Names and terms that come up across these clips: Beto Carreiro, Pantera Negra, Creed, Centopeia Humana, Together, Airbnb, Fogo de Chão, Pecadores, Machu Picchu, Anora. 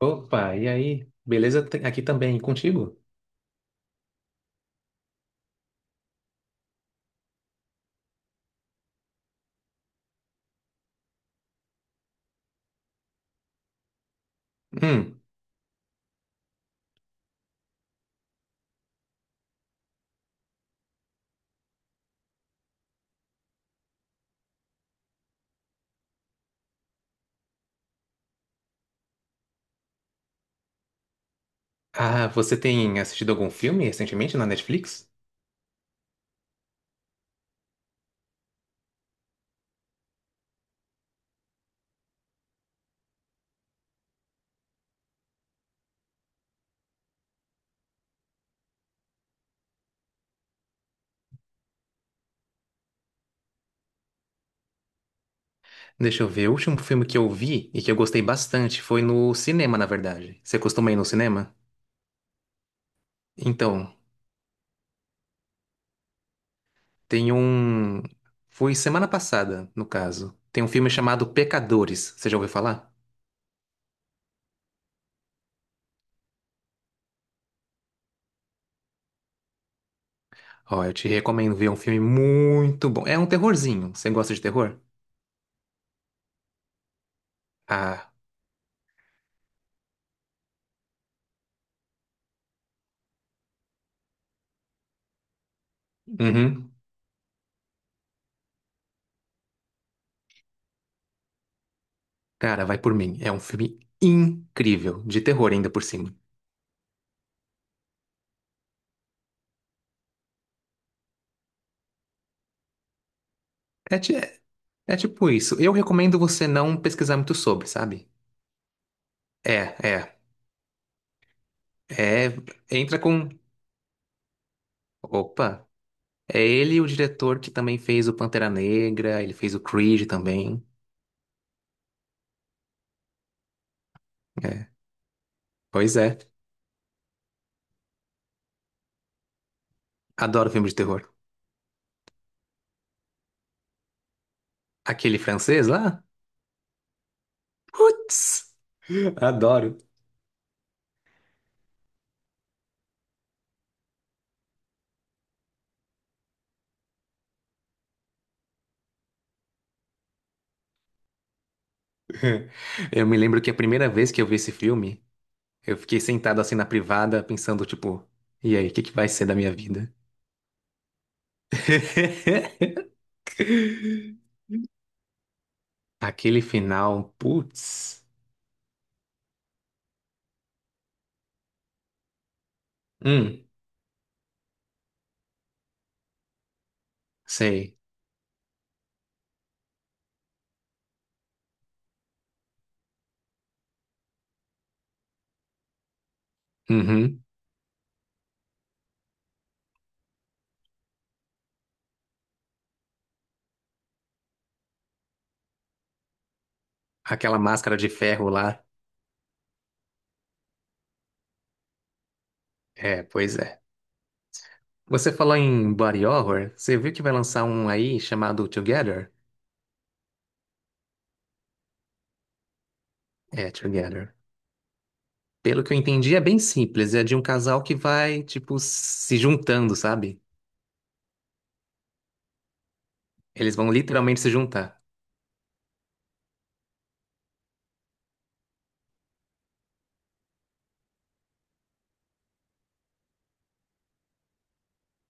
Opa, e aí? Beleza. Aqui também, e contigo? Hum. Ah, você tem assistido algum filme recentemente na Netflix? Deixa eu ver, o último filme que eu vi e que eu gostei bastante foi no cinema, na verdade. Você costuma ir no cinema? Então, tem um. Foi semana passada, no caso. Tem um filme chamado Pecadores. Você já ouviu falar? Ó, eu te recomendo ver, é um filme muito bom. É um terrorzinho. Você gosta de terror? Ah, uhum. Cara, vai por mim. É um filme incrível, de terror ainda por cima. É, ti- é, É tipo isso. Eu recomendo você não pesquisar muito sobre, sabe? É, é. É. Entra com. Opa! É ele o diretor que também fez o Pantera Negra, ele fez o Creed também. É. Pois é. Adoro filme de terror. Aquele francês lá? Putz! Adoro. Eu me lembro que a primeira vez que eu vi esse filme, eu fiquei sentado assim na privada, pensando, tipo, e aí, o que que vai ser da minha vida? Aquele final, putz. Hum, sei. Uhum. Aquela máscara de ferro lá. É, pois é. Você falou em body horror, você viu que vai lançar um aí chamado Together? É, Together. Pelo que eu entendi, é bem simples. É de um casal que vai, tipo, se juntando, sabe? Eles vão literalmente se juntar.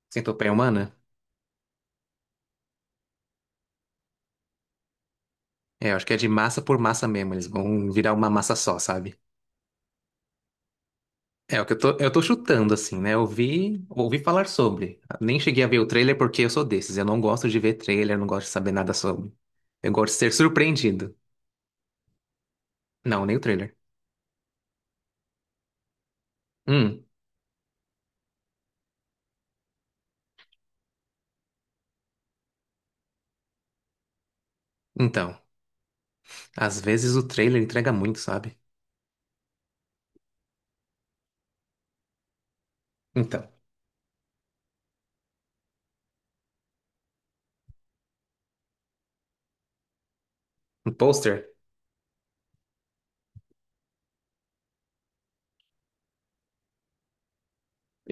Centopeia humana? É, eu acho que é de massa por massa mesmo. Eles vão virar uma massa só, sabe? É, é o que eu tô chutando, assim, né? Eu ouvi falar sobre. Nem cheguei a ver o trailer porque eu sou desses. Eu não gosto de ver trailer, não gosto de saber nada sobre. Eu gosto de ser surpreendido. Não, nem o trailer. Hum, então. Às vezes o trailer entrega muito, sabe? Então. Um pôster?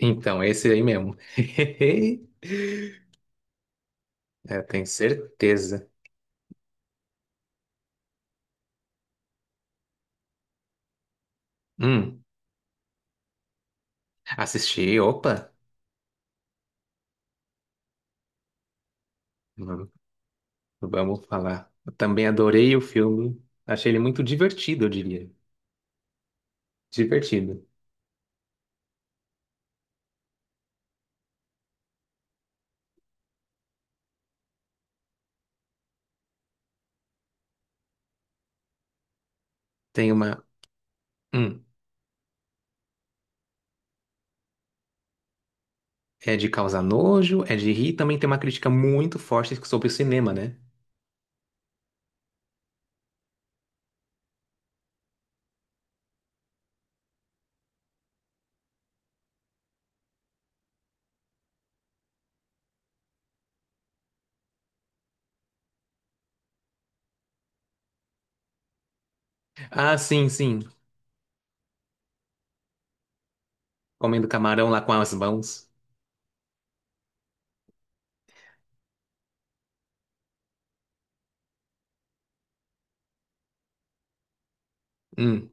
Então, esse aí mesmo. É, eu tenho certeza. Hum, assisti, opa. Hum, Vamos falar. Eu também adorei o filme. Achei ele muito divertido, eu diria. Divertido. Tem uma. Hum, é de causar nojo, é de rir. Também tem uma crítica muito forte sobre o cinema, né? Ah, sim, sim. Comendo camarão lá com as mãos. Hum,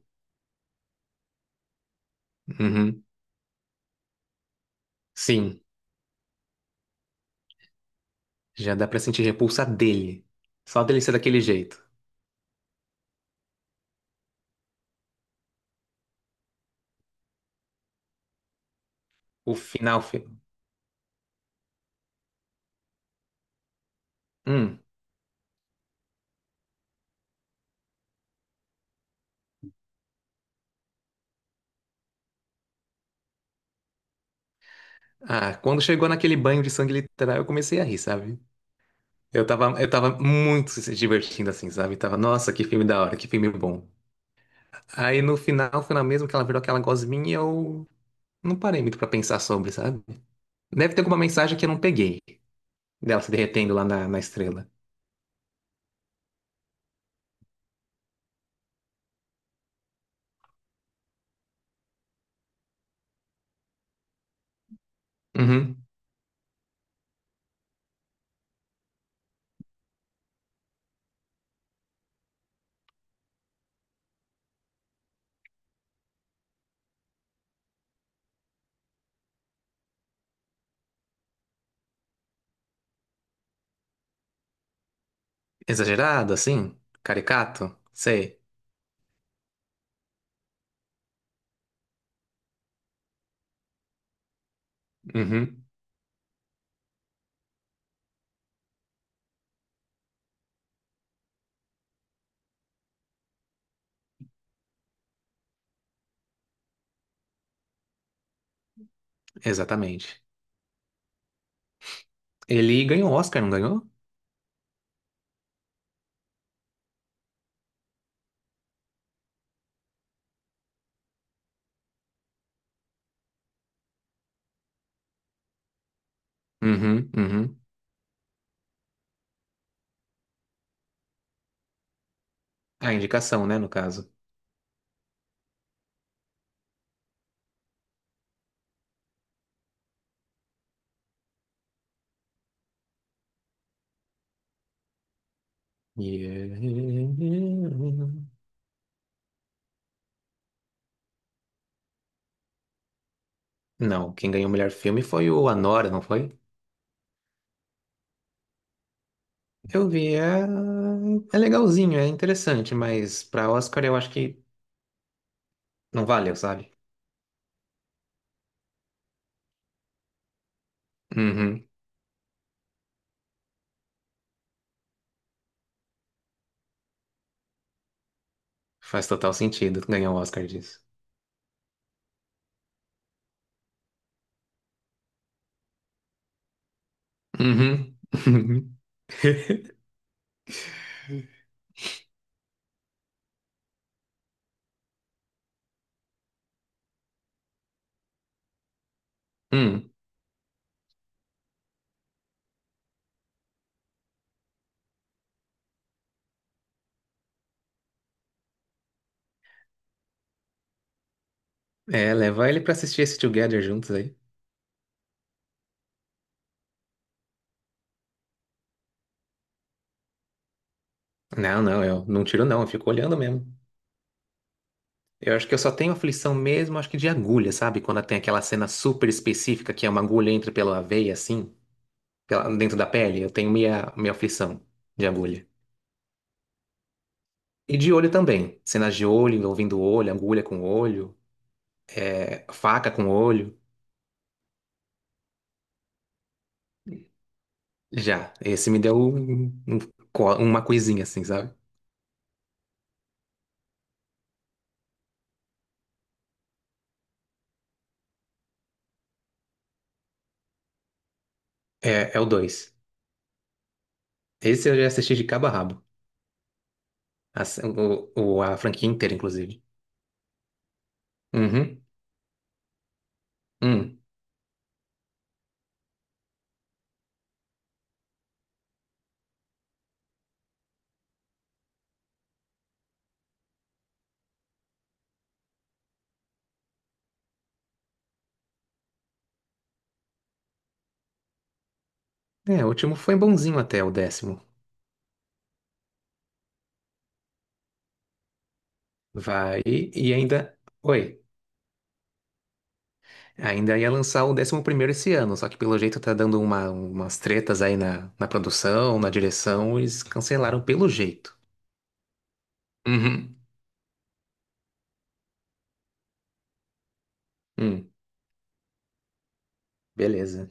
uhum. Sim, já dá pra sentir repulsa dele. Só dele ser daquele jeito. O final, filho. Hum. Ah, quando chegou naquele banho de sangue literal, eu comecei a rir, sabe? Eu tava muito se divertindo assim, sabe? Tava, nossa, que filme da hora, que filme bom. Aí no final, final mesmo que ela virou aquela gosminha, eu não parei muito pra pensar sobre, sabe? Deve ter alguma mensagem que eu não peguei. Dela se derretendo lá na, na estrela. Uhum. Exagerado, assim? Caricato? Sei. Uhum. Exatamente. Ele ganhou o Oscar, não ganhou? Uhum. Uhum. A indicação, né, no caso. Yeah. Não, quem ganhou o melhor filme foi o Anora, não foi? Eu vi, é, é legalzinho, é interessante, mas pra Oscar eu acho que não valeu, sabe? Uhum. Faz total sentido ganhar o Oscar disso. Uhum. Uhum. É, leva ele pra assistir esse Together juntos aí. Não, não, eu não tiro não, eu fico olhando mesmo. Eu acho que eu só tenho aflição mesmo, acho que de agulha, sabe? Quando tem aquela cena super específica que é uma agulha entra pela veia assim, pela- dentro da pele, eu tenho minha aflição de agulha. E de olho também. Cenas de olho, envolvendo olho, agulha com olho, é, faca com olho. Já, esse me deu uma coisinha assim, sabe? É, é o 2. Esse eu já assisti de cabo a rabo. A, o, a franquia inteira, inclusive. Uhum. Hum. É, o último foi bonzinho até o 10º. Vai e ainda. Oi. Ainda ia lançar o 11º esse ano, só que pelo jeito tá dando umas tretas aí na, na produção, na direção, eles cancelaram pelo jeito. Uhum. Hum, beleza.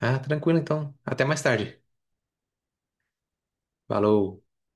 Ah, tranquilo então. Até mais tarde. Falou.